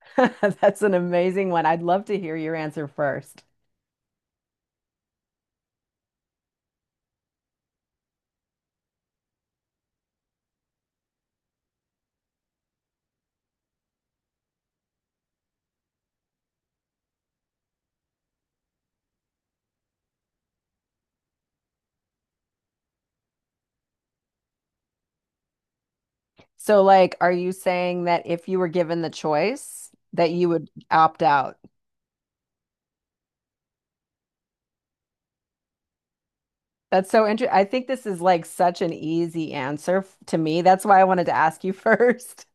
That's an amazing one. I'd love to hear your answer first. So, like, are you saying that if you were given the choice, that you would opt out? That's so interesting. I think this is like such an easy answer to me. That's why I wanted to ask you first,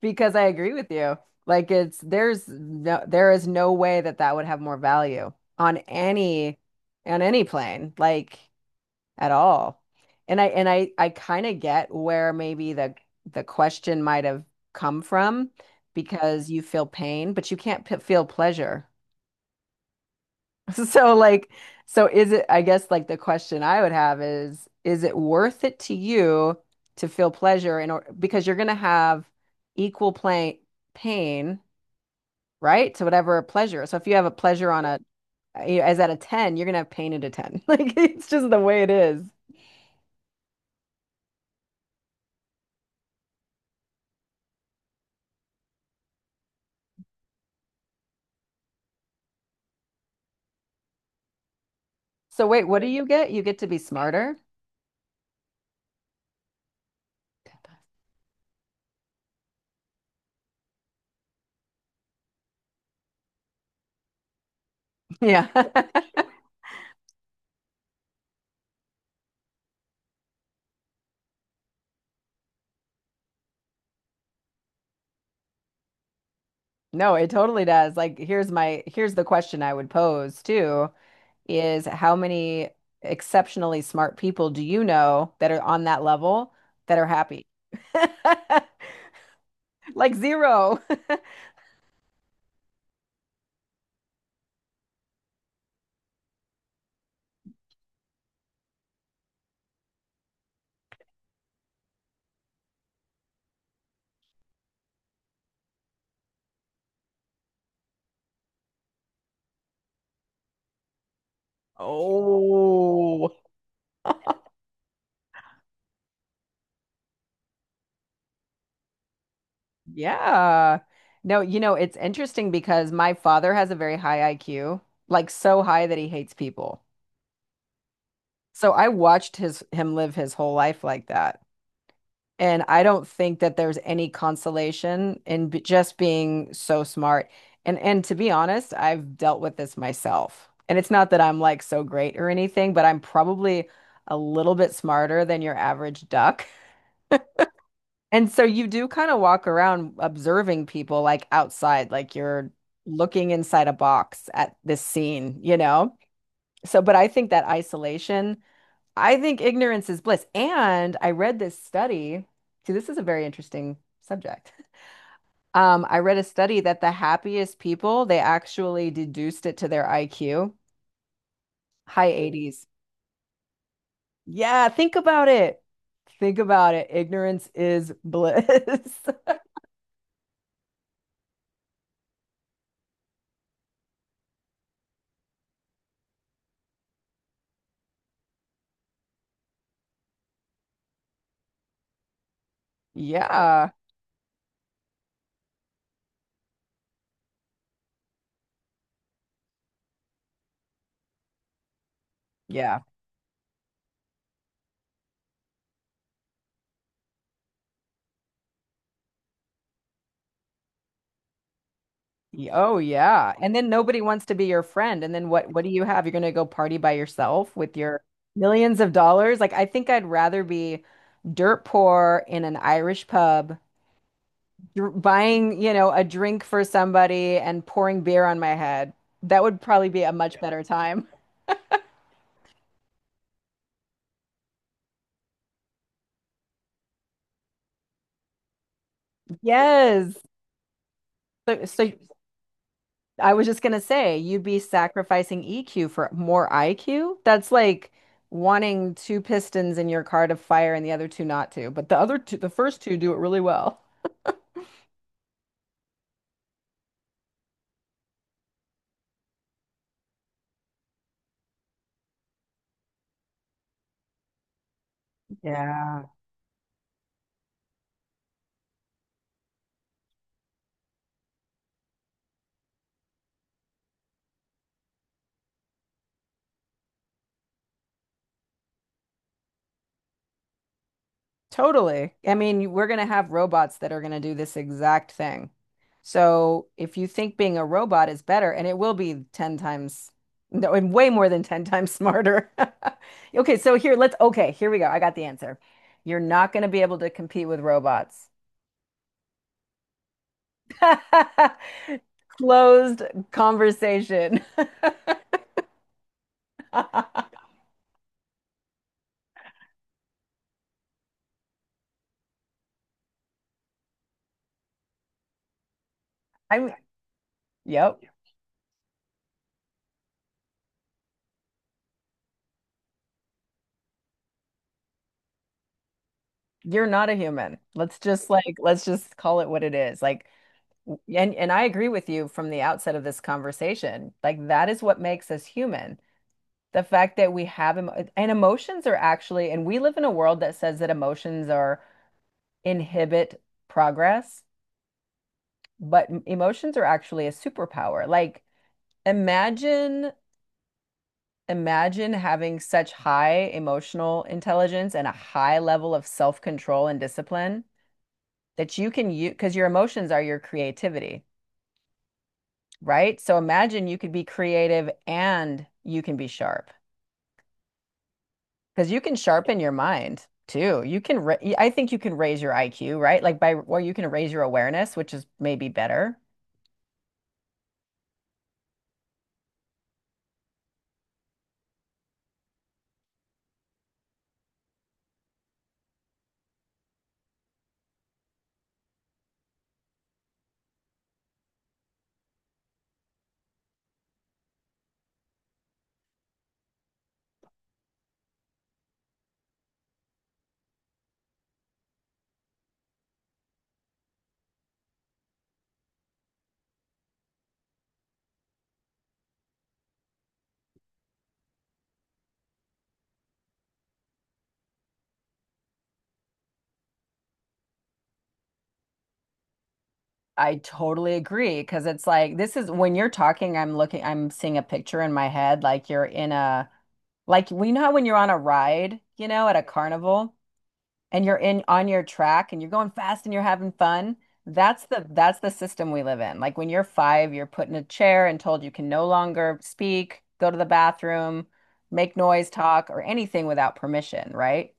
because I agree with you. Like, it's there's no, there is no way that that would have more value on any plane. Like, at all. And I kind of get where maybe the question might have come from because you feel pain, but you can't p feel pleasure. So like so is it I guess like the question I would have is it worth it to you to feel pleasure in order because you're going to have equal play pain, right? To whatever pleasure. So if you have a pleasure on a you know, as at a 10, you're gonna have pain at a 10. Like it's just the way it is. So wait, what do you get? You get to be smarter? Yeah. No, it totally does. Like here's the question I would pose too is how many exceptionally smart people do you know that are on that level that are happy? Like zero. Oh, yeah. No, it's interesting because my father has a very high IQ, like so high that he hates people. So I watched his him live his whole life like that. And I don't think that there's any consolation in b just being so smart. And to be honest, I've dealt with this myself. And it's not that I'm like so great or anything, but I'm probably a little bit smarter than your average duck. And so you do kind of walk around observing people like outside, like you're looking inside a box at this scene, you know? So, but I think that isolation, I think ignorance is bliss. And I read this study. See, this is a very interesting subject. I read a study that the happiest people, they actually deduced it to their IQ, high 80s. Yeah, think about it. Think about it. Ignorance is bliss. Yeah. Yeah. Oh yeah. And then nobody wants to be your friend. And then what do you have? You're gonna go party by yourself with your millions of dollars? Like I think I'd rather be dirt poor in an Irish pub, buying, a drink for somebody and pouring beer on my head. That would probably be a much better time. Yes. So I was just gonna say, you'd be sacrificing EQ for more IQ. That's like wanting two pistons in your car to fire and the other two not to. But the other two, the first two do it really well. Yeah. Totally. I mean, we're gonna have robots that are gonna do this exact thing. So if you think being a robot is better, and it will be 10 times, no, and way more than 10 times smarter. Okay, here we go. I got the answer. You're not gonna be able to compete with robots. Closed conversation. I'm, yep, you're not a human. Let's just call it what it is. Like, and I agree with you from the outset of this conversation. Like, that is what makes us human. The fact that we have, emotions are actually, and we live in a world that says that emotions are inhibit progress, but emotions are actually a superpower. Like, imagine Imagine having such high emotional intelligence and a high level of self-control and discipline that you can use because your emotions are your creativity, right? So imagine you could be creative and you can be sharp because you can sharpen your mind too. I think you can raise your IQ, right? Like or you can raise your awareness, which is maybe better. I totally agree because it's like this is when you're talking, I'm looking, I'm seeing a picture in my head, like you're. In a Like, we know how when you're on a ride, at a carnival and you're in on your track and you're going fast and you're having fun. That's the system we live in. Like when you're five, you're put in a chair and told you can no longer speak, go to the bathroom, make noise, talk, or anything without permission, right?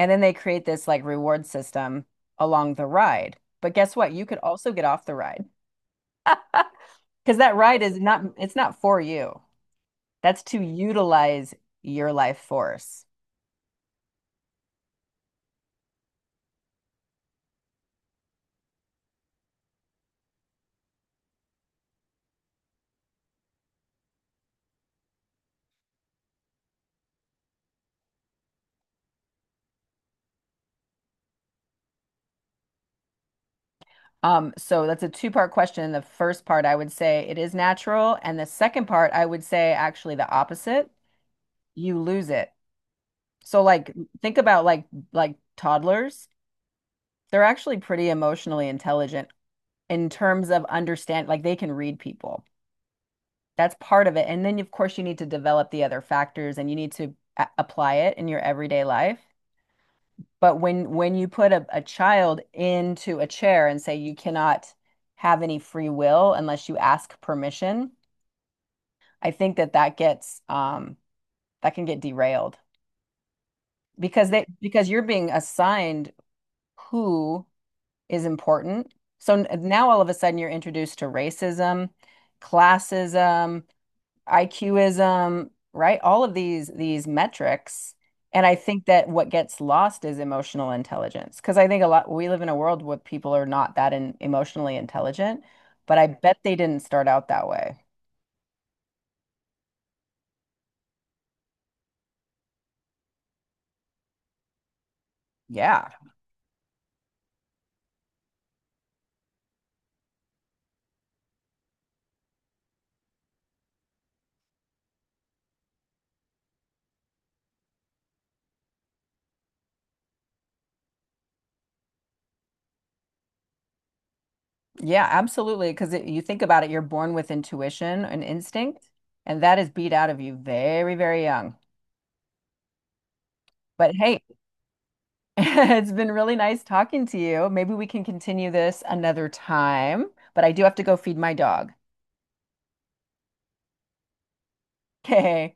And then they create this like reward system along the ride. But guess what? You could also get off the ride. Because that ride is not, it's not for you. That's to utilize your life force. So that's a two-part question. The first part, I would say it is natural, and the second part, I would say actually the opposite. You lose it. So like think about like toddlers. They're actually pretty emotionally intelligent in terms of understand like they can read people. That's part of it. And then of course you need to develop the other factors and you need to apply it in your everyday life. But when you put a child into a chair and say you cannot have any free will unless you ask permission. I think that that gets that can get derailed because they because you're being assigned who is important. So now all of a sudden you're introduced to racism, classism, IQism, right? All of these metrics. And I think that what gets lost is emotional intelligence because I think a lot we live in a world where people are not that emotionally intelligent, but I bet they didn't start out that way. Yeah. Yeah, absolutely. Because you think about it, you're born with intuition and instinct, and that is beat out of you very, very young. But hey, it's been really nice talking to you. Maybe we can continue this another time, but I do have to go feed my dog. Okay.